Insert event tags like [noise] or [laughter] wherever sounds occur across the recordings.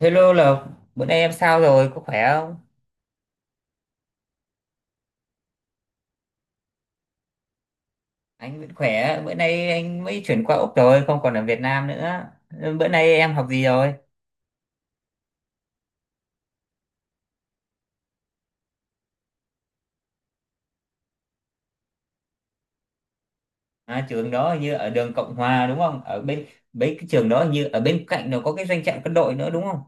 Hello Lộc, bữa nay em sao rồi, có khỏe không? Anh vẫn khỏe, bữa nay anh mới chuyển qua Úc rồi, không còn ở Việt Nam nữa. Bữa nay em học gì rồi? À, trường đó hình như ở đường Cộng Hòa đúng không? Ở bên bên cái trường đó hình như ở bên cạnh nó có cái doanh trại quân đội nữa đúng không?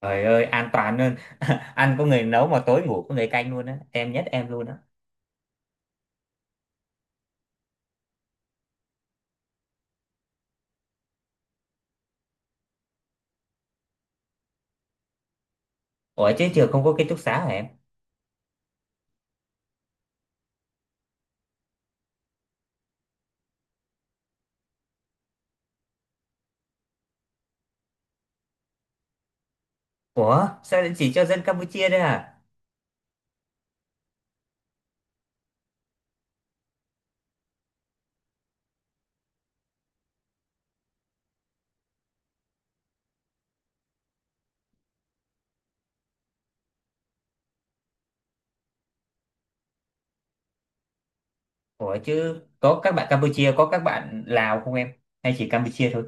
Trời ơi, an toàn hơn. [laughs] Ăn có người nấu mà tối ngủ có người canh luôn á. Em nhất em luôn á. Ủa chứ trường không có ký túc xá hả em? Ủa, sao lại chỉ cho dân Campuchia đấy à? Ủa chứ có các bạn Campuchia, có các bạn Lào không em? Hay chỉ Campuchia thôi?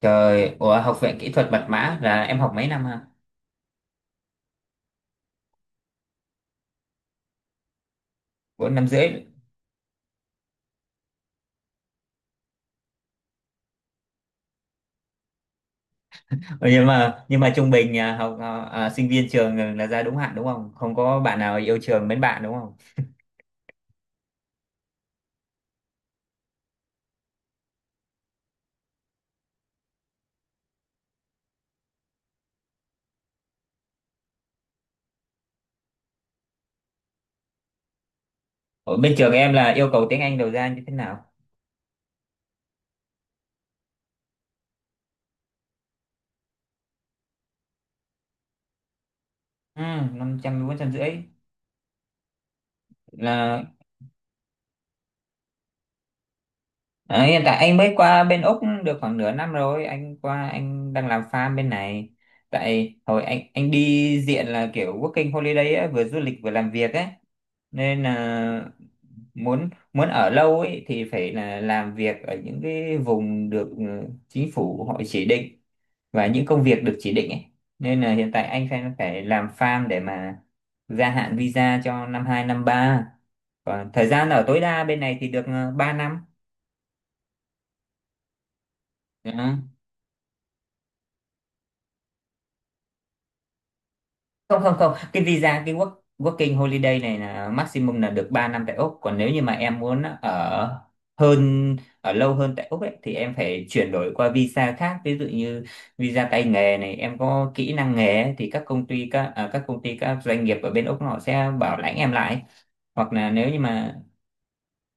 Trời, ủa học viện kỹ thuật mật mã là em học mấy năm hả? 4 năm rưỡi. Ừ, nhưng mà trung bình à, học sinh viên trường là ra đúng hạn đúng không? Không có bạn nào yêu trường mến bạn đúng không? Ở bên trường em là yêu cầu tiếng Anh đầu ra như thế nào? Ừ, năm trăm bốn trăm rưỡi là. Ờ, Hiện tại anh mới qua bên Úc được khoảng nửa năm rồi, anh qua anh đang làm farm bên này. Tại hồi anh đi diện là kiểu working holiday ấy, vừa du lịch vừa làm việc ấy, nên là muốn muốn ở lâu ấy thì phải là làm việc ở những cái vùng được, chính phủ họ chỉ định, và những công việc được chỉ định ấy. Nên là hiện tại anh phải phải làm farm để mà gia hạn visa cho năm hai, năm ba. Còn thời gian ở tối đa bên này thì được, 3 năm. Đó. Không, không, không, cái visa cái working holiday này là maximum là được 3 năm tại Úc. Còn nếu như mà em muốn ở lâu hơn tại Úc ấy, thì em phải chuyển đổi qua visa khác. Ví dụ như visa tay nghề này, em có kỹ năng nghề ấy, thì các công ty các à, các công ty, các doanh nghiệp ở bên Úc họ sẽ bảo lãnh em lại. Hoặc là nếu như mà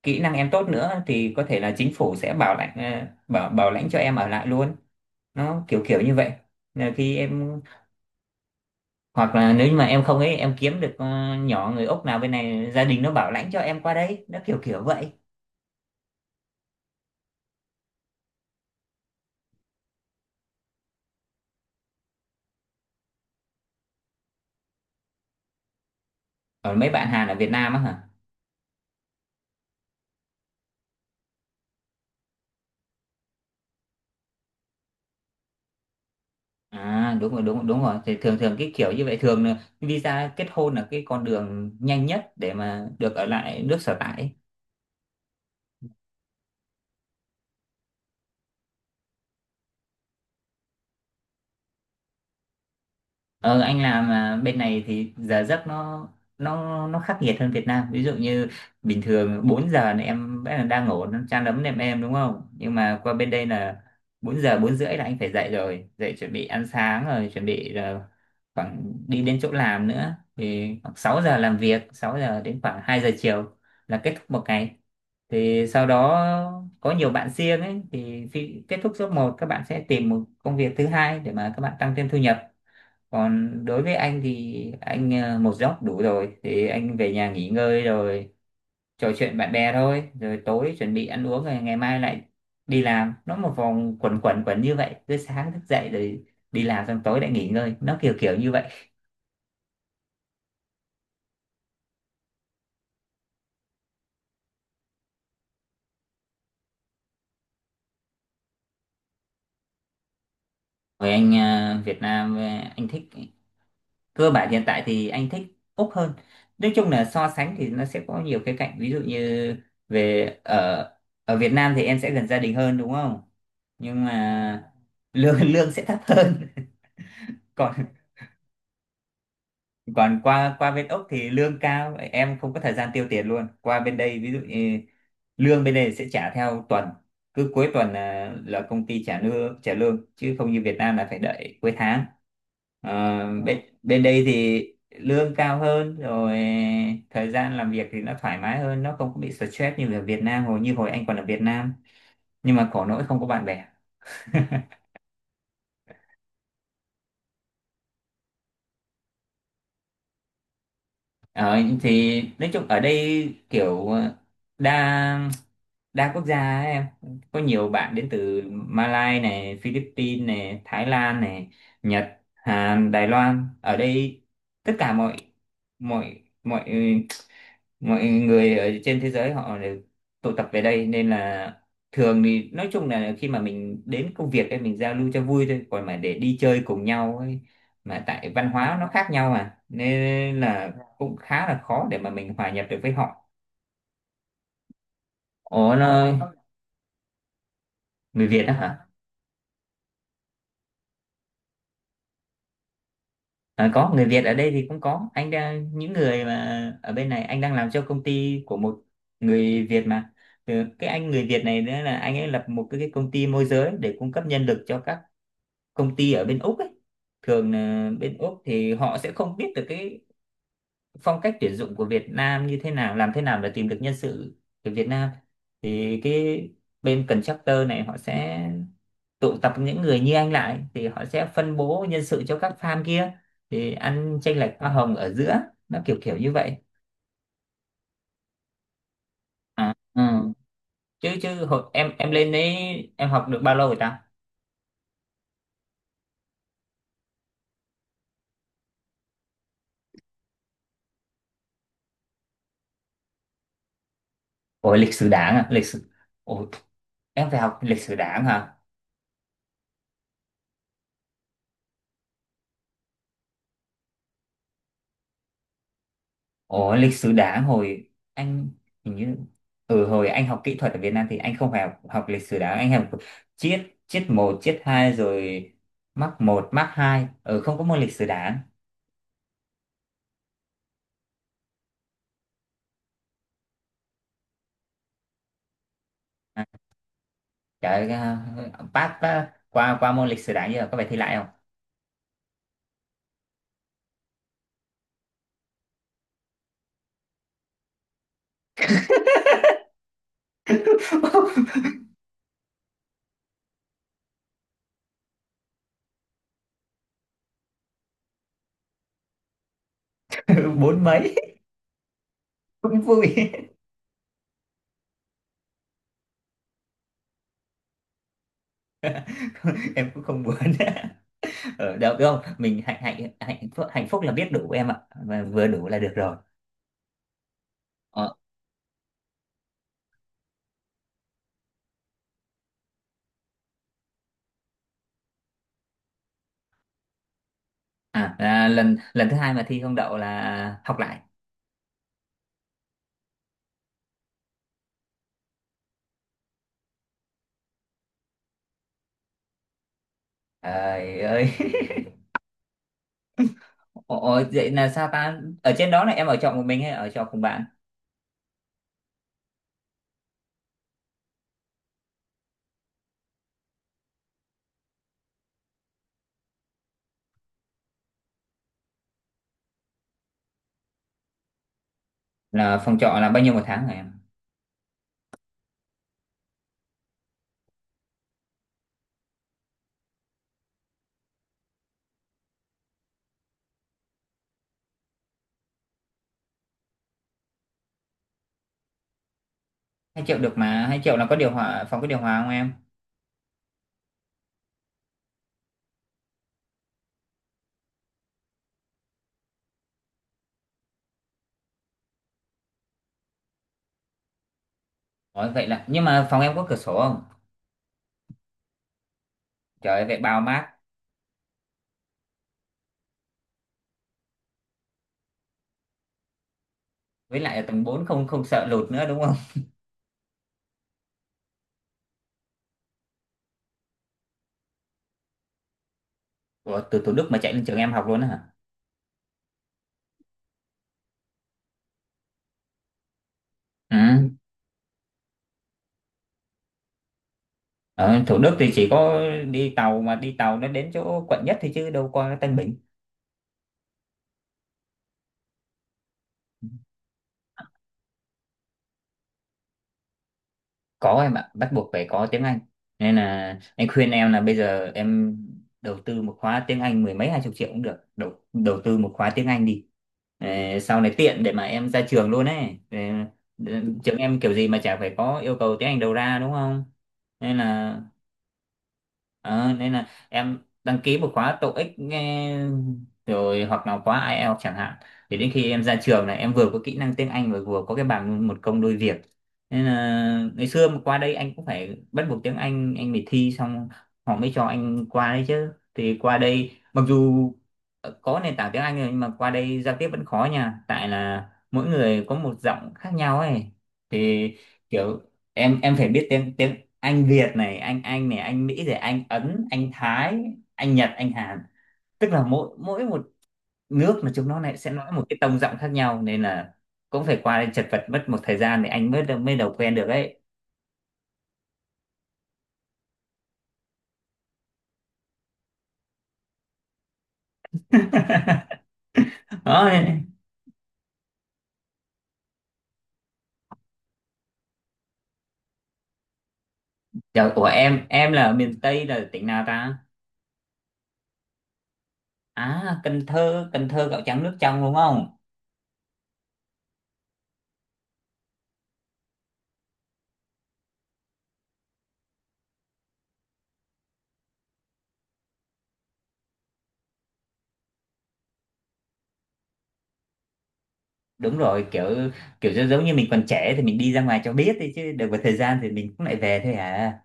kỹ năng em tốt nữa thì có thể là chính phủ sẽ bảo lãnh, bảo bảo lãnh cho em ở lại luôn. Nó kiểu kiểu như vậy. Là khi em Hoặc là nếu như mà em không ấy, em kiếm được, nhỏ người Úc nào bên này, gia đình nó bảo lãnh cho em qua đấy. Nó kiểu kiểu vậy. Còn mấy bạn Hàn ở Việt Nam á hả? À, đúng rồi, đúng rồi, đúng rồi, thì thường thường cái kiểu như vậy, thường là visa kết hôn là cái con đường nhanh nhất để mà được ở lại nước sở tại. Ờ, anh làm bên này thì giờ giấc nó khắc nghiệt hơn Việt Nam. Ví dụ như bình thường 4 giờ là em vẫn là đang ngủ nó chan ấm nệm em đúng không? Nhưng mà qua bên đây là 4 giờ 4 rưỡi là anh phải dậy rồi, dậy chuẩn bị ăn sáng rồi chuẩn bị là khoảng đi đến chỗ làm nữa thì khoảng 6 giờ làm việc, 6 giờ đến khoảng 2 giờ chiều là kết thúc một ngày. Thì sau đó có nhiều bạn riêng ấy, thì khi kết thúc job một, các bạn sẽ tìm một công việc thứ hai để mà các bạn tăng thêm thu nhập. Còn đối với anh thì anh, một giấc đủ rồi thì anh về nhà nghỉ ngơi rồi trò chuyện bạn bè thôi, rồi tối chuẩn bị ăn uống, rồi ngày mai lại đi làm. Nó một vòng quẩn quẩn quẩn như vậy, cứ sáng thức dậy rồi đi làm, xong tối lại nghỉ ngơi. Nó kiểu kiểu như vậy. Với anh, Việt Nam, anh thích, cơ bản hiện tại thì anh thích Úc hơn. Nói chung là so sánh thì nó sẽ có nhiều cái cạnh, ví dụ như về ở, ở Việt Nam thì em sẽ gần gia đình hơn đúng không, nhưng mà lương [laughs] lương sẽ thấp hơn. [laughs] còn còn qua qua bên Úc thì lương cao, em không có thời gian tiêu tiền luôn. Qua bên đây ví dụ như lương bên đây sẽ trả theo tuần, cứ cuối tuần là công ty trả trả lương, chứ không như Việt Nam là phải đợi cuối tháng. Ờ, bên bên đây thì lương cao hơn rồi, thời gian làm việc thì nó thoải mái hơn, nó không có bị stress như ở Việt Nam hồi, như hồi anh còn ở Việt Nam. Nhưng mà khổ nỗi không có bạn bè. Ờ, thì nói chung ở đây kiểu, đa đa quốc gia ấy, em có nhiều bạn đến từ Malaysia này, Philippines này, Thái Lan này, Nhật, Hàn, Đài Loan ở đây. Tất cả mọi mọi mọi mọi người ở trên thế giới họ đều tụ tập về đây, nên là thường thì nói chung là khi mà mình đến công việc ấy mình giao lưu cho vui thôi, còn mà để đi chơi cùng nhau ấy, mà tại văn hóa nó khác nhau mà nên là cũng khá là khó để mà mình hòa nhập được với họ. Ủa nó người Việt đó hả? À, có người Việt ở đây thì cũng có, anh đang những người mà ở bên này anh đang làm cho công ty của một người Việt mà. Ừ, cái anh người Việt này nữa là anh ấy lập một cái công ty môi giới để cung cấp nhân lực cho các công ty ở bên Úc ấy. Thường là bên Úc thì họ sẽ không biết được cái phong cách tuyển dụng của Việt Nam như thế nào, làm thế nào để tìm được nhân sự từ Việt Nam, thì cái bên contractor này họ sẽ tụ tập những người như anh lại, thì họ sẽ phân bố nhân sự cho các farm kia, thì ăn chênh lệch hoa hồng ở giữa. Nó kiểu kiểu như vậy. À, ừ. chứ chứ hồi em lên đấy, em học được bao lâu rồi ta? Ôi lịch sử đảng à? Lịch sử, ôi. Em phải học lịch sử đảng hả? Ồ, lịch sử đá, hồi anh hình như, ừ hồi anh học kỹ thuật ở Việt Nam thì anh không phải học lịch sử đá. Anh học triết, triết một triết hai rồi mắc một mắc hai, ừ không có môn lịch sử đá. À, trời, à, pass pass qua qua môn lịch sử đá như là có phải thi lại không? [laughs] Bốn mấy cũng vui. [laughs] Em cũng không muốn. [laughs] Ở đâu đúng không, mình hạnh hạnh hạnh phúc. Hạnh phúc là biết đủ em ạ, và vừa đủ là được rồi. Ờ, à là lần lần thứ hai mà thi không đậu là học lại. Trời ơi. Ủa, vậy là sao ta? Ở trên đó là em ở trọ một mình hay ở trọ cùng bạn? Là phòng trọ là bao nhiêu một tháng hả em? Hai triệu được mà, 2 triệu là có điều hòa, phòng có điều hòa không em? Ủa, vậy là, nhưng mà phòng em có cửa sổ không? Trời ơi, vậy bao mát. Với lại ở tầng bốn, không không sợ lụt nữa đúng không? Ủa, từ Thủ Đức mà chạy lên trường em học luôn á hả? Ừ. Ở Thủ Đức thì chỉ có đi tàu, mà đi tàu nó đến chỗ quận nhất thì chứ đâu qua Tân Bình. Có em ạ, bắt buộc phải có tiếng Anh, nên là anh khuyên em là bây giờ em đầu tư một khóa tiếng Anh mười mấy hai chục triệu cũng được, đầu đầu tư một khóa tiếng Anh đi. Ờ, sau này tiện để mà em ra trường luôn ấy. Ờ, trường em kiểu gì mà chả phải có yêu cầu tiếng Anh đầu ra đúng không, nên là. Ờ, nên là em đăng ký một khóa TOEIC nghe, rồi hoặc là khóa IELTS chẳng hạn, thì đến khi em ra trường này em vừa có kỹ năng tiếng Anh và vừa có cái bằng, một công đôi việc. Nên là ngày xưa mà qua đây anh cũng phải bắt buộc tiếng Anh phải thi xong họ mới cho anh qua đấy chứ. Thì qua đây mặc dù, có nền tảng tiếng Anh rồi nhưng mà qua đây giao tiếp vẫn khó nha, tại là mỗi người có một giọng khác nhau ấy. Thì kiểu em phải biết tiếng tiếng anh Việt này, anh này, anh Mỹ này, anh Ấn, anh Thái, anh Nhật, anh Hàn, tức là mỗi mỗi một nước mà chúng nó lại sẽ nói một cái tông giọng khác nhau, nên là cũng phải qua đây chật vật mất một thời gian thì anh mới mới đầu quen được ấy. [laughs] Đó nên. Trời, ủa em là ở miền Tây là tỉnh nào ta? À, Cần Thơ. Cần Thơ gạo trắng nước trong đúng không? Đúng rồi, kiểu kiểu giống giống như mình còn trẻ thì mình đi ra ngoài cho biết đi, chứ được một thời gian thì mình cũng lại về thôi à.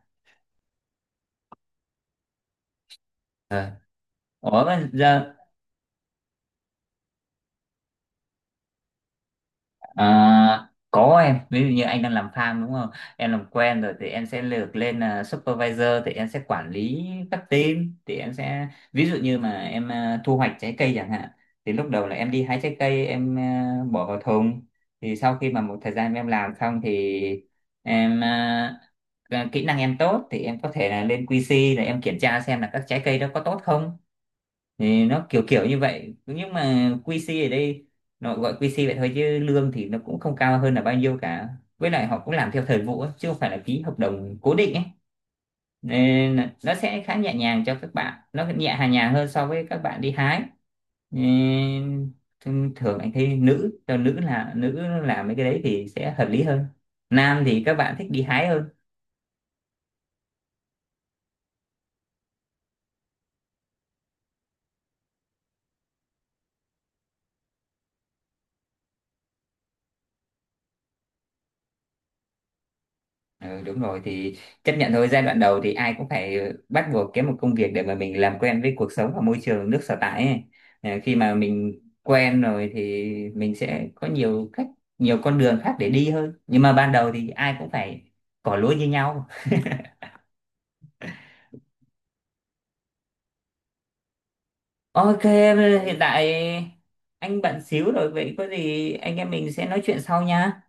Ờ. Ủa mà giờ. À, có em, ví dụ như anh đang làm farm đúng không, em làm quen rồi thì em sẽ lược lên là supervisor, thì em sẽ quản lý các team, thì em sẽ ví dụ như mà em, thu hoạch trái cây chẳng hạn, thì lúc đầu là em đi hái trái cây em, bỏ vào thùng, thì sau khi mà một thời gian em làm xong thì em, kỹ năng em tốt thì em có thể là lên QC để em kiểm tra xem là các trái cây đó có tốt không, thì nó kiểu kiểu như vậy. Nhưng mà QC ở đây nó gọi QC vậy thôi chứ lương thì nó cũng không cao hơn là bao nhiêu cả, với lại họ cũng làm theo thời vụ ấy, chứ không phải là ký hợp đồng cố định ấy, nên là nó sẽ khá nhẹ nhàng cho các bạn, nó nhẹ hà nhàng hơn so với các bạn đi hái. Nên thường anh thấy nữ, cho nữ là nữ làm mấy cái đấy thì sẽ hợp lý hơn, nam thì các bạn thích đi hái hơn. Ừ, đúng rồi thì chấp nhận thôi, giai đoạn đầu thì ai cũng phải, bắt buộc kiếm một công việc để mà mình làm quen với cuộc sống và môi trường nước sở tại ấy. Ờ, khi mà mình quen rồi thì mình sẽ có nhiều cách, nhiều con đường khác để đi hơn, nhưng mà ban đầu thì ai cũng phải cỏ lúa như nhau. OK, hiện tại anh bận xíu rồi, vậy có gì anh em mình sẽ nói chuyện sau nha.